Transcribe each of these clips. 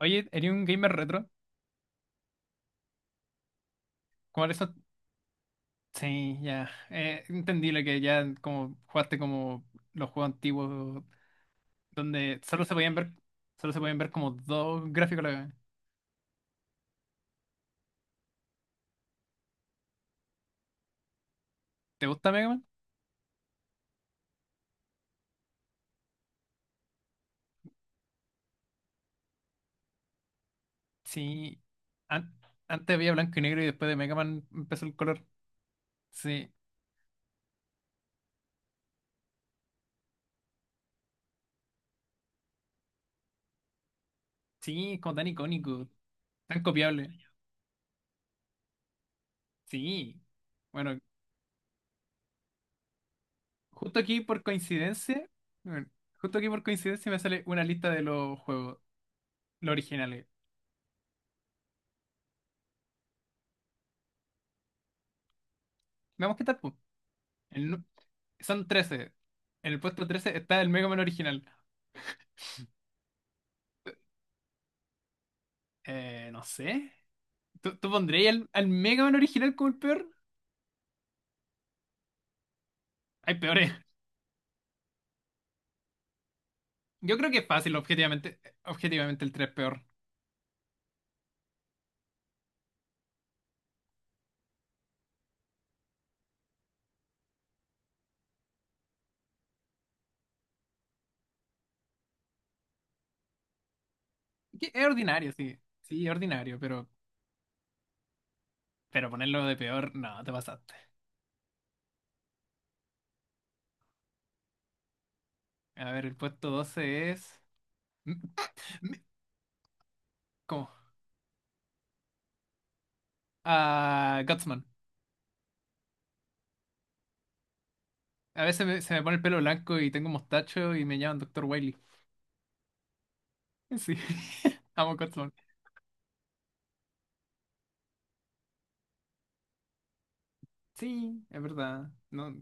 Oye, ¿eres un gamer retro? ¿Como eso? Sí, ya. Entendible que ya como jugaste como los juegos antiguos donde solo se podían ver, solo se podían ver como dos gráficos a la vez. ¿Te gusta Mega Man? Sí. An- Antes había blanco y negro y después de Mega Man empezó el color. Sí. Sí, es como tan icónico, tan copiable. Sí. Bueno, justo aquí por coincidencia, bueno, justo aquí por coincidencia me sale una lista de los juegos, los originales. Veamos qué tal, pues. El nu- Son 13. En el puesto 13 está el Mega Man original. No sé. ¿Tú pondrías al Mega Man original como el peor? Hay peores. Yo creo que es fácil, objetivamente. Objetivamente el 3 es peor. Que es ordinario, sí. Sí, es ordinario, pero ponerlo de peor, no, te pasaste. A ver, el puesto 12 es... M- m- ¿Cómo? Ah, Gutsman. A veces se me pone el pelo blanco y tengo mostacho y me llaman doctor Wily. Sí. Amo Gutsman. Sí, es verdad. No,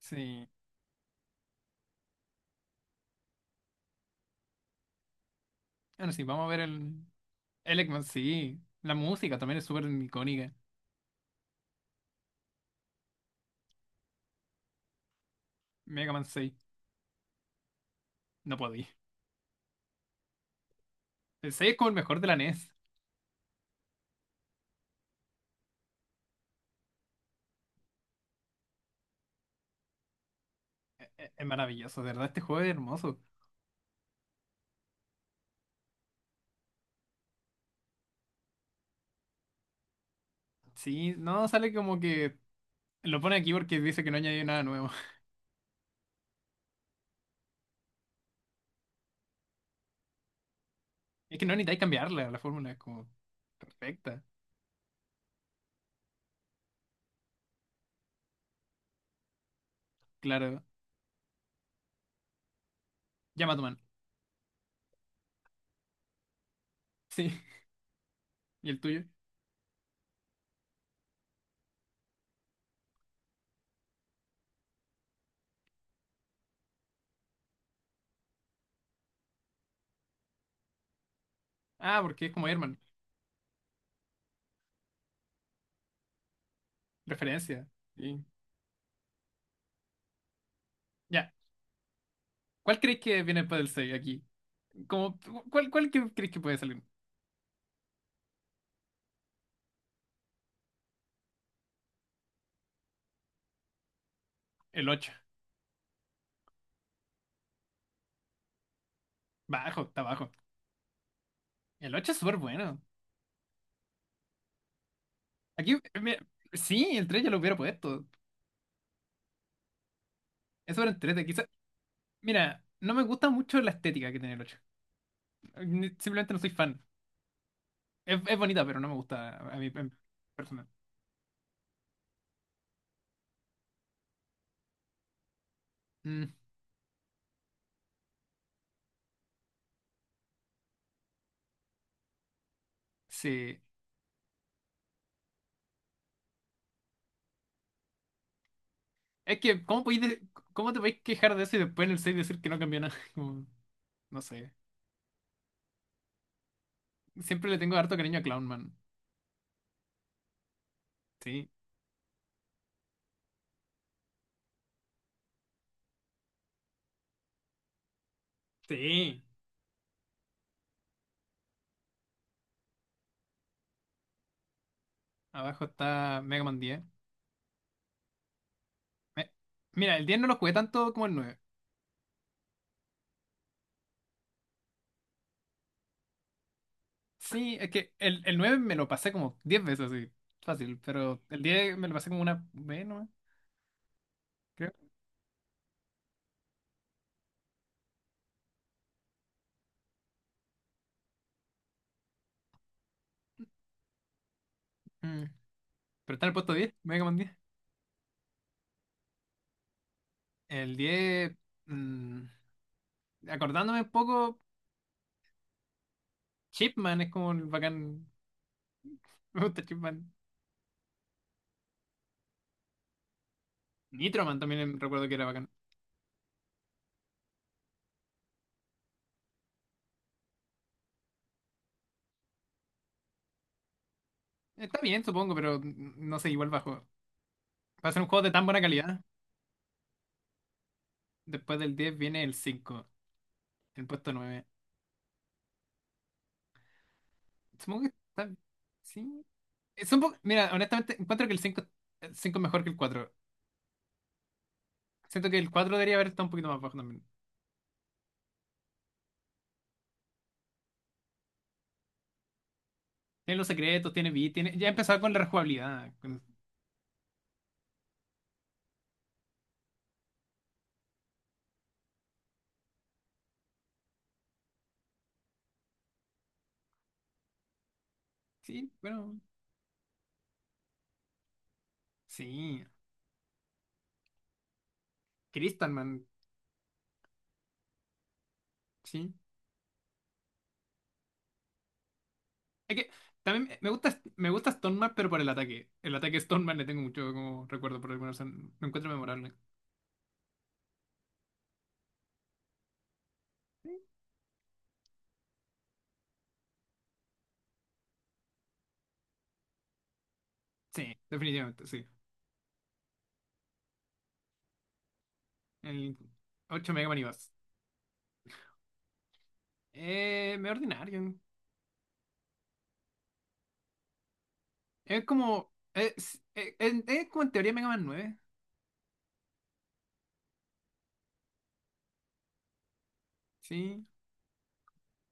sí. Bueno, sí, vamos a ver el Eggman, sí. La música también es súper icónica. Mega Man seis no podía. El 6 es como el mejor de la NES. Es maravilloso, de verdad, este juego es hermoso. Sí, no, sale como que lo pone aquí porque dice que no añadió nada nuevo. Es que no necesitáis cambiarla, la fórmula es como perfecta. Claro, llama a tu man. Sí, ¿y el tuyo? Ah, porque es como Herman, referencia. Sí. Ya, ¿cuál crees que viene después del 6 aquí? Como, ¿cuál que crees que puede salir? El ocho. Bajo, está bajo. El 8 es súper bueno. Aquí, mira, sí, el 3 ya lo hubiera puesto. Es sobre el 3 quizás. Mira, no me gusta mucho la estética que tiene el 8. Simplemente no soy fan. es bonita, pero no me gusta a mí en personal. Mm, sí. Es que, cómo te podéis quejar de eso y después en el 6 decir que no cambió nada? Como, no sé. Siempre le tengo harto cariño a Clownman. Sí. Sí. Abajo está Mega Man 10. Me- Mira, el 10 no lo jugué tanto como el... Sí, es que el 9 me lo pasé como 10 veces así, fácil, pero el 10 me lo pasé como una vez nomás, creo. Mm, pero está en el puesto 10 Mega Man 10. El diez, mm, acordándome un poco, Chipman es como el bacán, me gusta Chipman. Nitroman también recuerdo que era bacán. Está bien, supongo, pero no sé, igual bajo. Para ser un juego de tan buena calidad, después del 10 viene el cinco, el puesto nueve. Supongo que está... Sí. Es un poco... Mira, honestamente, encuentro que el cinco, el 5 es mejor que el cuatro. Siento que el 4 debería haber estado un poquito más bajo también. Tiene los secretos, tiene beat, tiene... Ya empezaba con la rejugabilidad. Sí, bueno, sí. Crystalman, sí. Es que también me gusta Stoneman, pero por el ataque. El ataque de Stoneman le tengo mucho como recuerdo por alguna razón. Lo encuentro memorable. Sí, definitivamente, sí. El 8 Mega Man y más. Medio ordinario. Es como. Es como en teoría Mega Man nueve. Sí.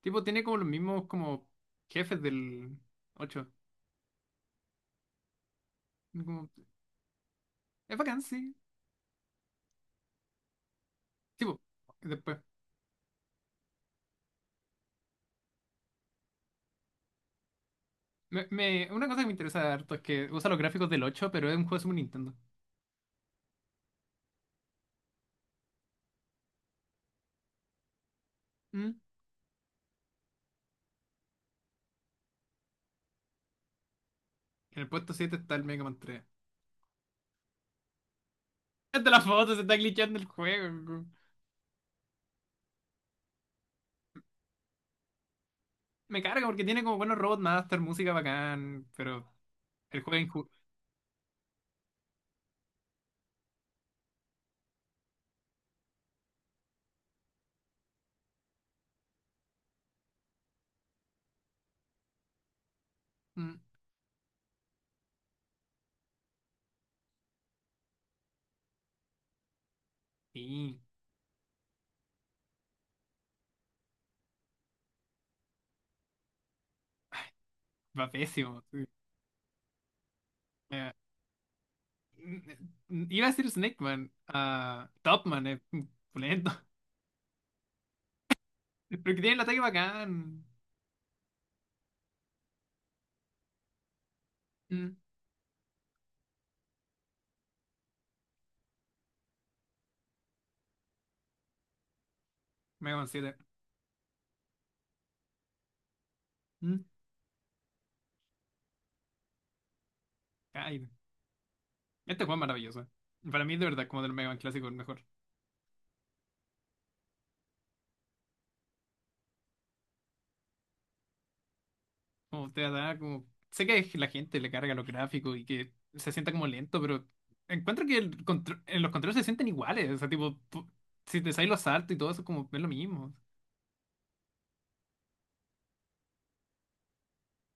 Tipo, tiene como los mismos como jefes del ocho. Es bacán, sí. Tipo, después. Una cosa que me interesa harto es que usa los gráficos del 8 pero es un juego de Super Nintendo. Mm. En el puesto 7 está el Mega Man 3. Es de las fotos, se está glitchando el juego. Me carga porque tiene como buenos Robot Master, música bacán, pero el juego es injusto. Sí, va pésimo. Sí. Eh, Iba a decir Snake Man. Ah, Top Man es lento. Pero que tiene el ataque bacán. Mm. Mega Man 7. Mm. Ay. Este juego es maravilloso. Para mí, de verdad, como del Mega Man clásico, el mejor. Como te da, como. Sé que la gente le carga los gráficos y que se sienta como lento, pero encuentro que el en los controles se sienten iguales. O sea, tipo, si te salen los saltos y todo eso, como es lo mismo.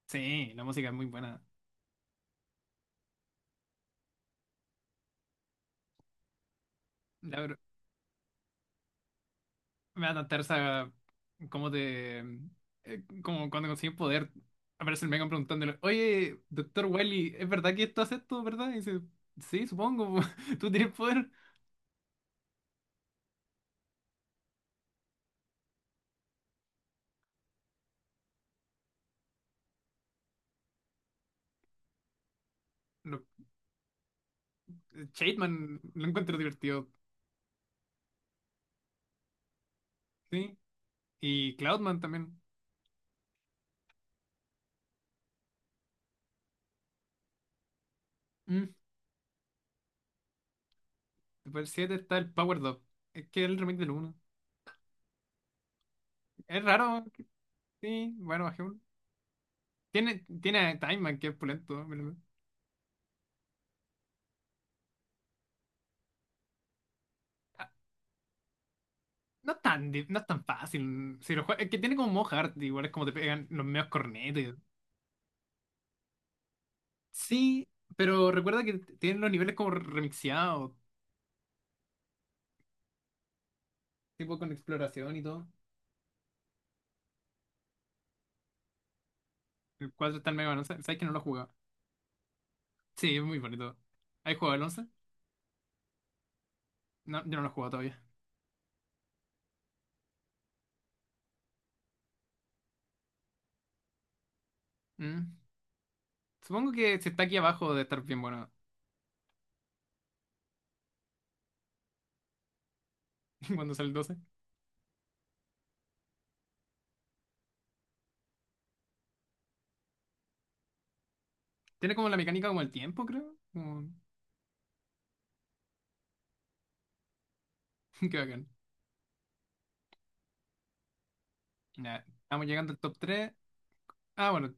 Sí, la música es muy buena. La ver- Me da tanta esa como te. Como cuando conseguí un poder, aparece el Mega Man preguntándole: "Oye, doctor Wily, ¿es verdad que esto hace esto, verdad?" Y dice: "Sí, supongo". Tú tienes poder. Shademan lo encuentro divertido, ¿sí? Y Cloudman también. Mm. Después del 7 está el Power Dog. Es que es el remake del uno, es raro, sí. Bueno, bajé uno. Tiene a Time Man, que es pulento. Ah, no es tan, no es tan fácil. Si es que tiene como modo hard, igual es como te pegan los medios cornetes. Sí, pero recuerda que tienen los niveles como remixeados, tipo con exploración y todo. El 4 está en Mega Man 11. ¿Sabes que no lo he jugado? Sí, es muy bonito. ¿Has jugado el 11? No, yo no lo he jugado todavía. Mm. Supongo que si está aquí abajo de estar bien bueno cuando sale el 12. Tiene como la mecánica como el tiempo, creo. Como... Qué bacán. Ya, estamos llegando al top 3. Ah, bueno.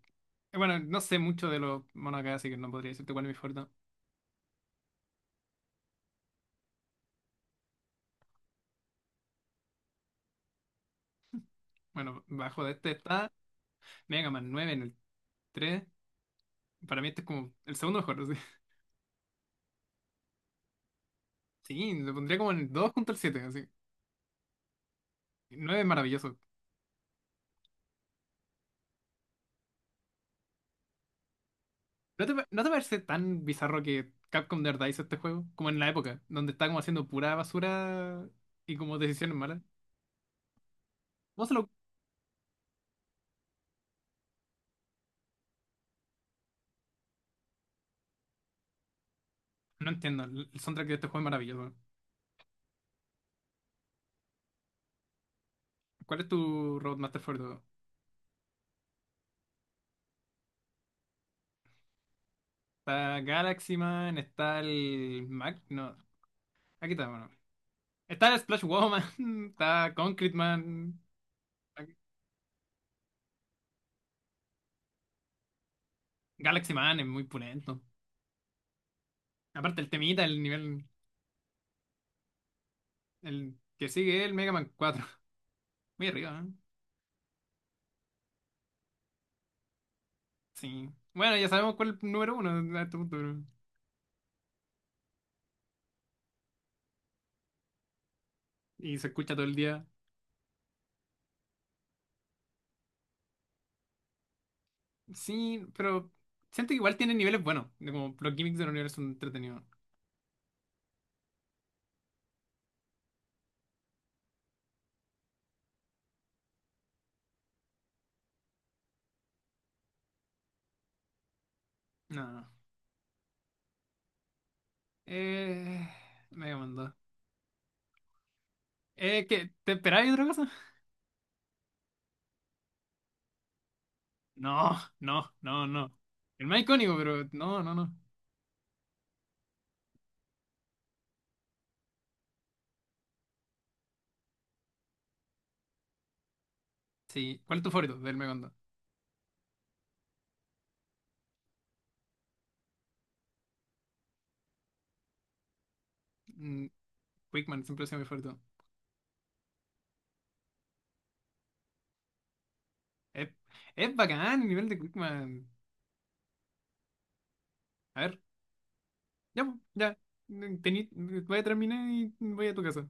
Bueno, no sé mucho de los monos acá, así que no podría decirte cuál es mi favorito. Bueno, bajo de este está Mega Man nueve en el 3. Para mí este es como el segundo mejor, así. Sí, lo pondría como en el 2 junto al 7, así. 9 es maravilloso. ¿No te, no te parece tan bizarro que Capcom de verdad hizo este juego? Como en la época, donde está como haciendo pura basura y como decisiones malas. ¿Cómo se le... No entiendo, el soundtrack de este juego es maravilloso. ¿Cuál es tu Roadmaster favorito? Está Galaxy Man, está el Mac, no, aquí está, bueno. Está el Splash Woman, está Concrete Man, aquí- Galaxy Man es muy punento. Aparte el temita, el nivel, el que sigue es el Mega Man cuatro. Muy arriba, ¿eh? Sí. Bueno, ya sabemos cuál es el número uno a este punto, ¿no? Y se escucha todo el día. Sí, pero siento que igual tiene niveles buenos, de como los gimmicks del universo son entretenidos. No, no. Eh... Mega Man. ¿Qué? ¿Te esperabas otra cosa? No, no, no, no. El más icónico, pero no, no, no. Sí, ¿cuál es tu favorito del Megondo? Mm, Quickman siempre ha sido mi favorito. Es, es bacán el nivel de Quickman. A ver, ya, po, ya. Tení- Voy a terminar y voy a tu casa.